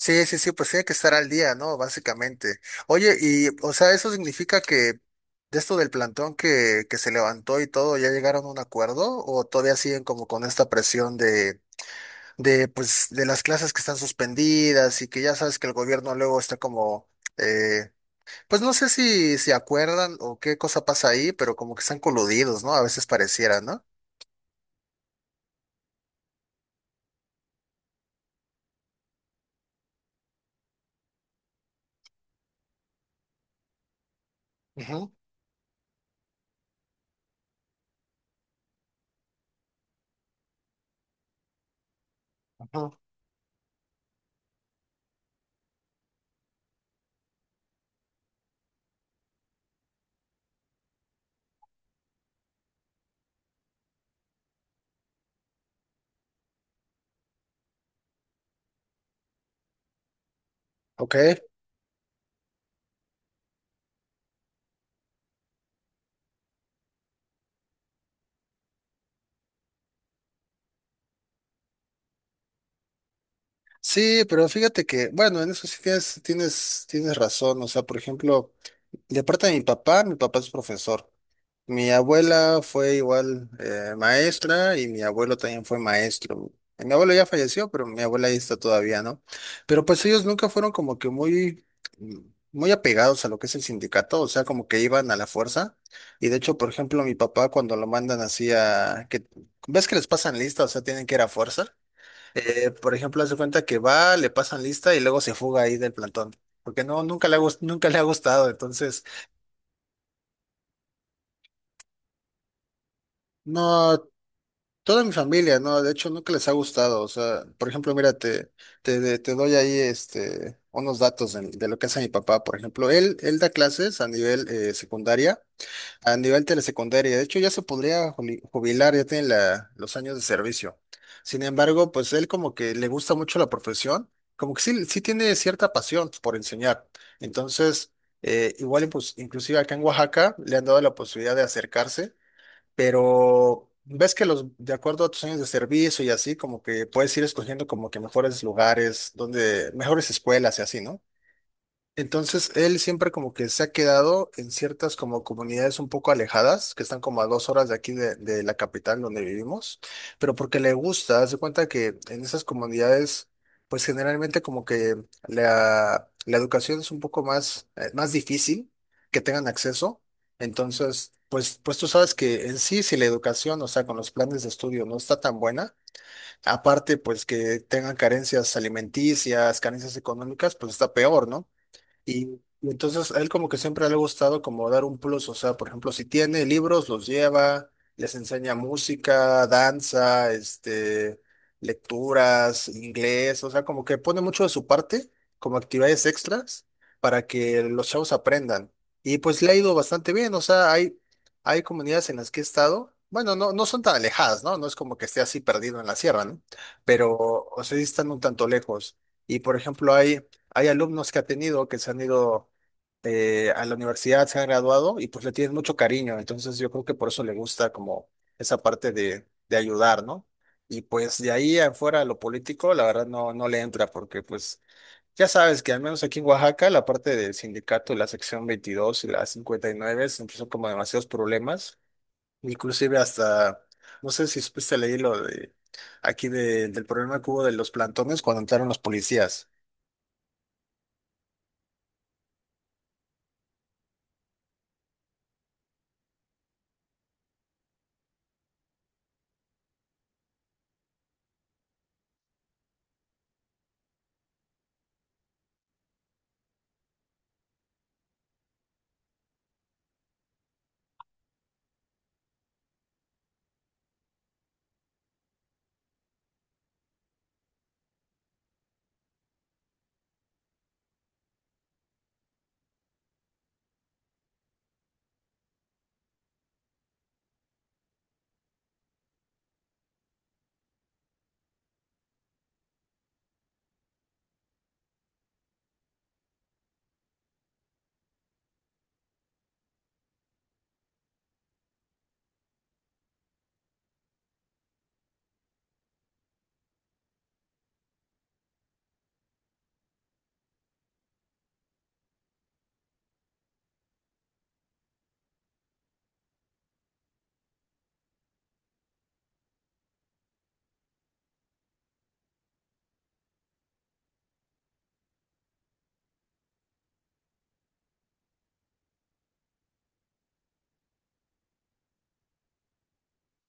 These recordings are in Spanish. Sí, sí, sí, pues tiene que estar al día, ¿no? Básicamente. Oye, y, o sea, eso significa que de esto del plantón que se levantó y todo, ¿ya llegaron a un acuerdo? ¿O todavía siguen como con esta presión de, pues, de las clases que están suspendidas y que ya sabes que el gobierno luego está como, eh, pues no sé si se acuerdan o qué cosa pasa ahí, pero como que están coludidos, ¿no? A veces pareciera, ¿no? Ujú, ujú. Ok. Sí, pero fíjate que, bueno, en eso sí tienes razón. O sea, por ejemplo, de parte de mi papá es profesor. Mi abuela fue igual maestra y mi abuelo también fue maestro. Mi abuelo ya falleció, pero mi abuela ahí está todavía, ¿no? Pero pues ellos nunca fueron como que muy, muy apegados a lo que es el sindicato, o sea, como que iban a la fuerza. Y de hecho, por ejemplo, mi papá cuando lo mandan así a que, ¿ves que les pasan lista? O sea, tienen que ir a fuerza. Por ejemplo, hace cuenta que va, le pasan lista y luego se fuga ahí del plantón, porque no, nunca le ha, nunca le ha gustado, entonces, no, toda mi familia, no, de hecho, nunca les ha gustado, o sea, por ejemplo, mira, te, te doy ahí, unos datos de lo que hace mi papá, por ejemplo, él da clases a nivel secundaria, a nivel telesecundaria, de hecho ya se podría jubilar, ya tiene los años de servicio. Sin embargo, pues él como que le gusta mucho la profesión, como que sí tiene cierta pasión por enseñar. Entonces, igual y pues inclusive acá en Oaxaca le han dado la posibilidad de acercarse, pero ves que los, de acuerdo a tus años de servicio y así, como que puedes ir escogiendo como que mejores lugares, donde, mejores escuelas y así, ¿no? Entonces, él siempre como que se ha quedado en ciertas como comunidades un poco alejadas, que están como a 2 horas de aquí de la capital donde vivimos, pero porque le gusta, hace cuenta que en esas comunidades, pues generalmente como que la educación es un poco más, más difícil que tengan acceso. Entonces, pues, pues tú sabes que en sí, si la educación, o sea, con los planes de estudio no está tan buena, aparte pues que tengan carencias alimenticias, carencias económicas, pues está peor, ¿no? Y, y entonces a él como que siempre le ha gustado como dar un plus, o sea, por ejemplo, si tiene libros, los lleva, les enseña música, danza, este, lecturas, inglés, o sea, como que pone mucho de su parte como actividades extras para que los chavos aprendan. Y pues le ha ido bastante bien, o sea, hay comunidades en las que he estado, bueno, no, no son tan alejadas, ¿no? No es como que esté así perdido en la sierra, ¿no? Pero, o sea, sí están un tanto lejos. Y por ejemplo, Hay alumnos que ha tenido que se han ido a la universidad, se han graduado y pues le tienen mucho cariño. Entonces yo creo que por eso le gusta como esa parte de ayudar, ¿no? Y pues de ahí afuera lo político, la verdad no, no le entra porque pues ya sabes que al menos aquí en Oaxaca la parte del sindicato, la sección 22 y la 59 siempre empezó como demasiados problemas. Inclusive hasta, no sé si supiste leer lo de aquí del problema que hubo de los plantones cuando entraron los policías.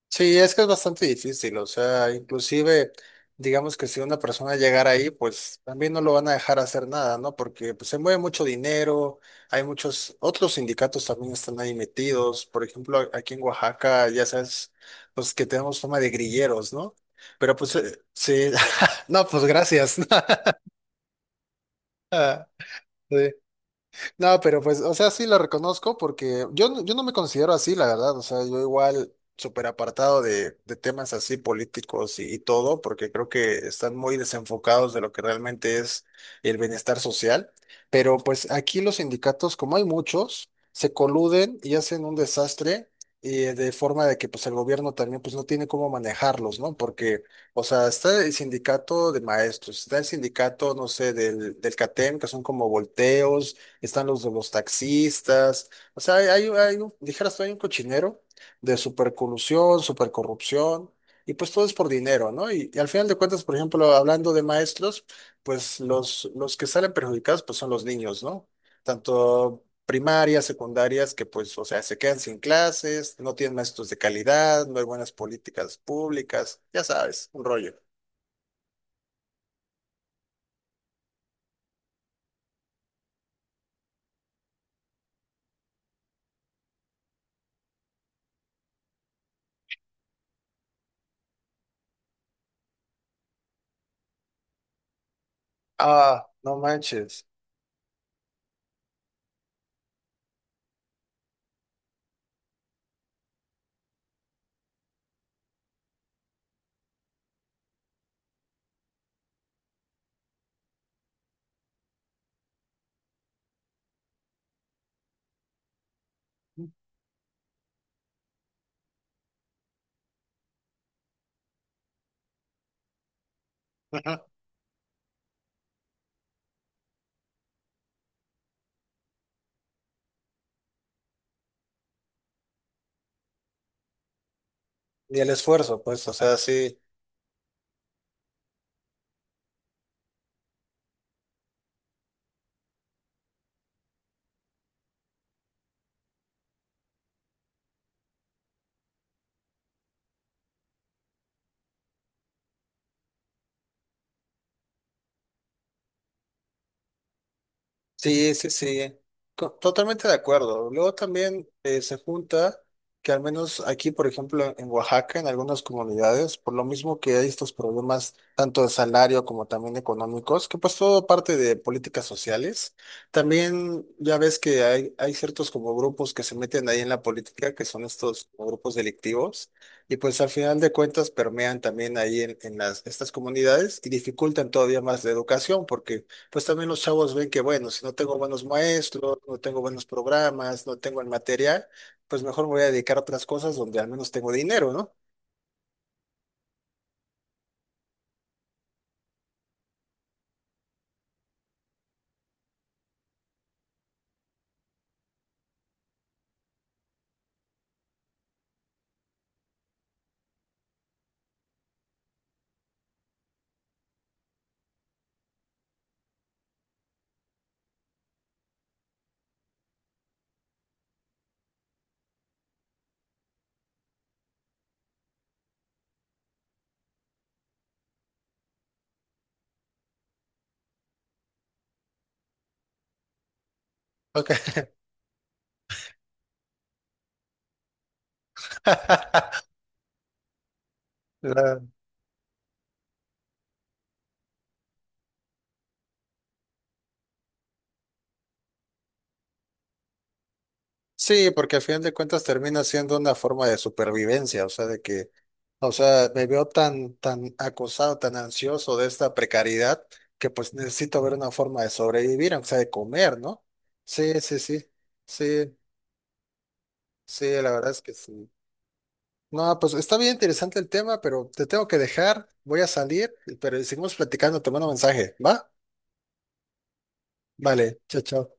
Sí, es que es bastante difícil, o sea, inclusive, digamos que si una persona llegara ahí, pues también no lo van a dejar hacer nada, ¿no? Porque pues, se mueve mucho dinero, hay muchos, otros sindicatos también están ahí metidos, por ejemplo, aquí en Oaxaca, ya sabes, pues que tenemos fama de grilleros, ¿no? Pero pues, sí, no, pues gracias. Ah, sí. No, pero pues, o sea, sí lo reconozco porque yo, yo no me considero así, la verdad. O sea, yo igual súper apartado de temas así políticos y todo, porque creo que están muy desenfocados de lo que realmente es el bienestar social. Pero pues aquí los sindicatos, como hay muchos, se coluden y hacen un desastre y de forma de que pues el gobierno también pues no tiene cómo manejarlos, ¿no? Porque... O sea, está el sindicato de maestros, está el sindicato, no sé, del CATEM, que son como volteos, están los de los taxistas, o sea, hay un, dijeras tú, hay un cochinero de supercolusión, supercorrupción, y pues todo es por dinero, ¿no? Y al final de cuentas, por ejemplo, hablando de maestros, pues los que salen perjudicados, pues son los niños, ¿no? Tanto primarias, secundarias, que pues, o sea, se quedan sin clases, no tienen maestros de calidad, no hay buenas políticas públicas, ya sabes, un rollo. Ah, no manches. Ni el esfuerzo, pues, o sea, sí. Sí, sí, sí, totalmente de acuerdo. Luego también se junta que al menos aquí, por ejemplo, en Oaxaca, en algunas comunidades, por lo mismo que hay estos problemas tanto de salario como también económicos, que pues todo parte de políticas sociales, también ya ves que hay ciertos como grupos que se meten ahí en la política, que son estos como grupos delictivos, y pues al final de cuentas permean también ahí en estas comunidades y dificultan todavía más la educación, porque pues también los chavos ven que, bueno, si no tengo buenos maestros, no tengo buenos programas, no tengo el material, pues mejor me voy a dedicar a otras cosas donde al menos tengo dinero, ¿no? Ok. La- sí, porque al final de cuentas termina siendo una forma de supervivencia, o sea, de que, o sea, me veo tan, tan acosado, tan ansioso de esta precariedad, que pues necesito ver una forma de sobrevivir, aunque sea de comer, ¿no? Sí, sí, sí, sí, sí, la verdad es que sí. No, pues está bien interesante el tema, pero te tengo que dejar, voy a salir, pero seguimos platicando, te mando mensaje, ¿va? Vale, chao, chao.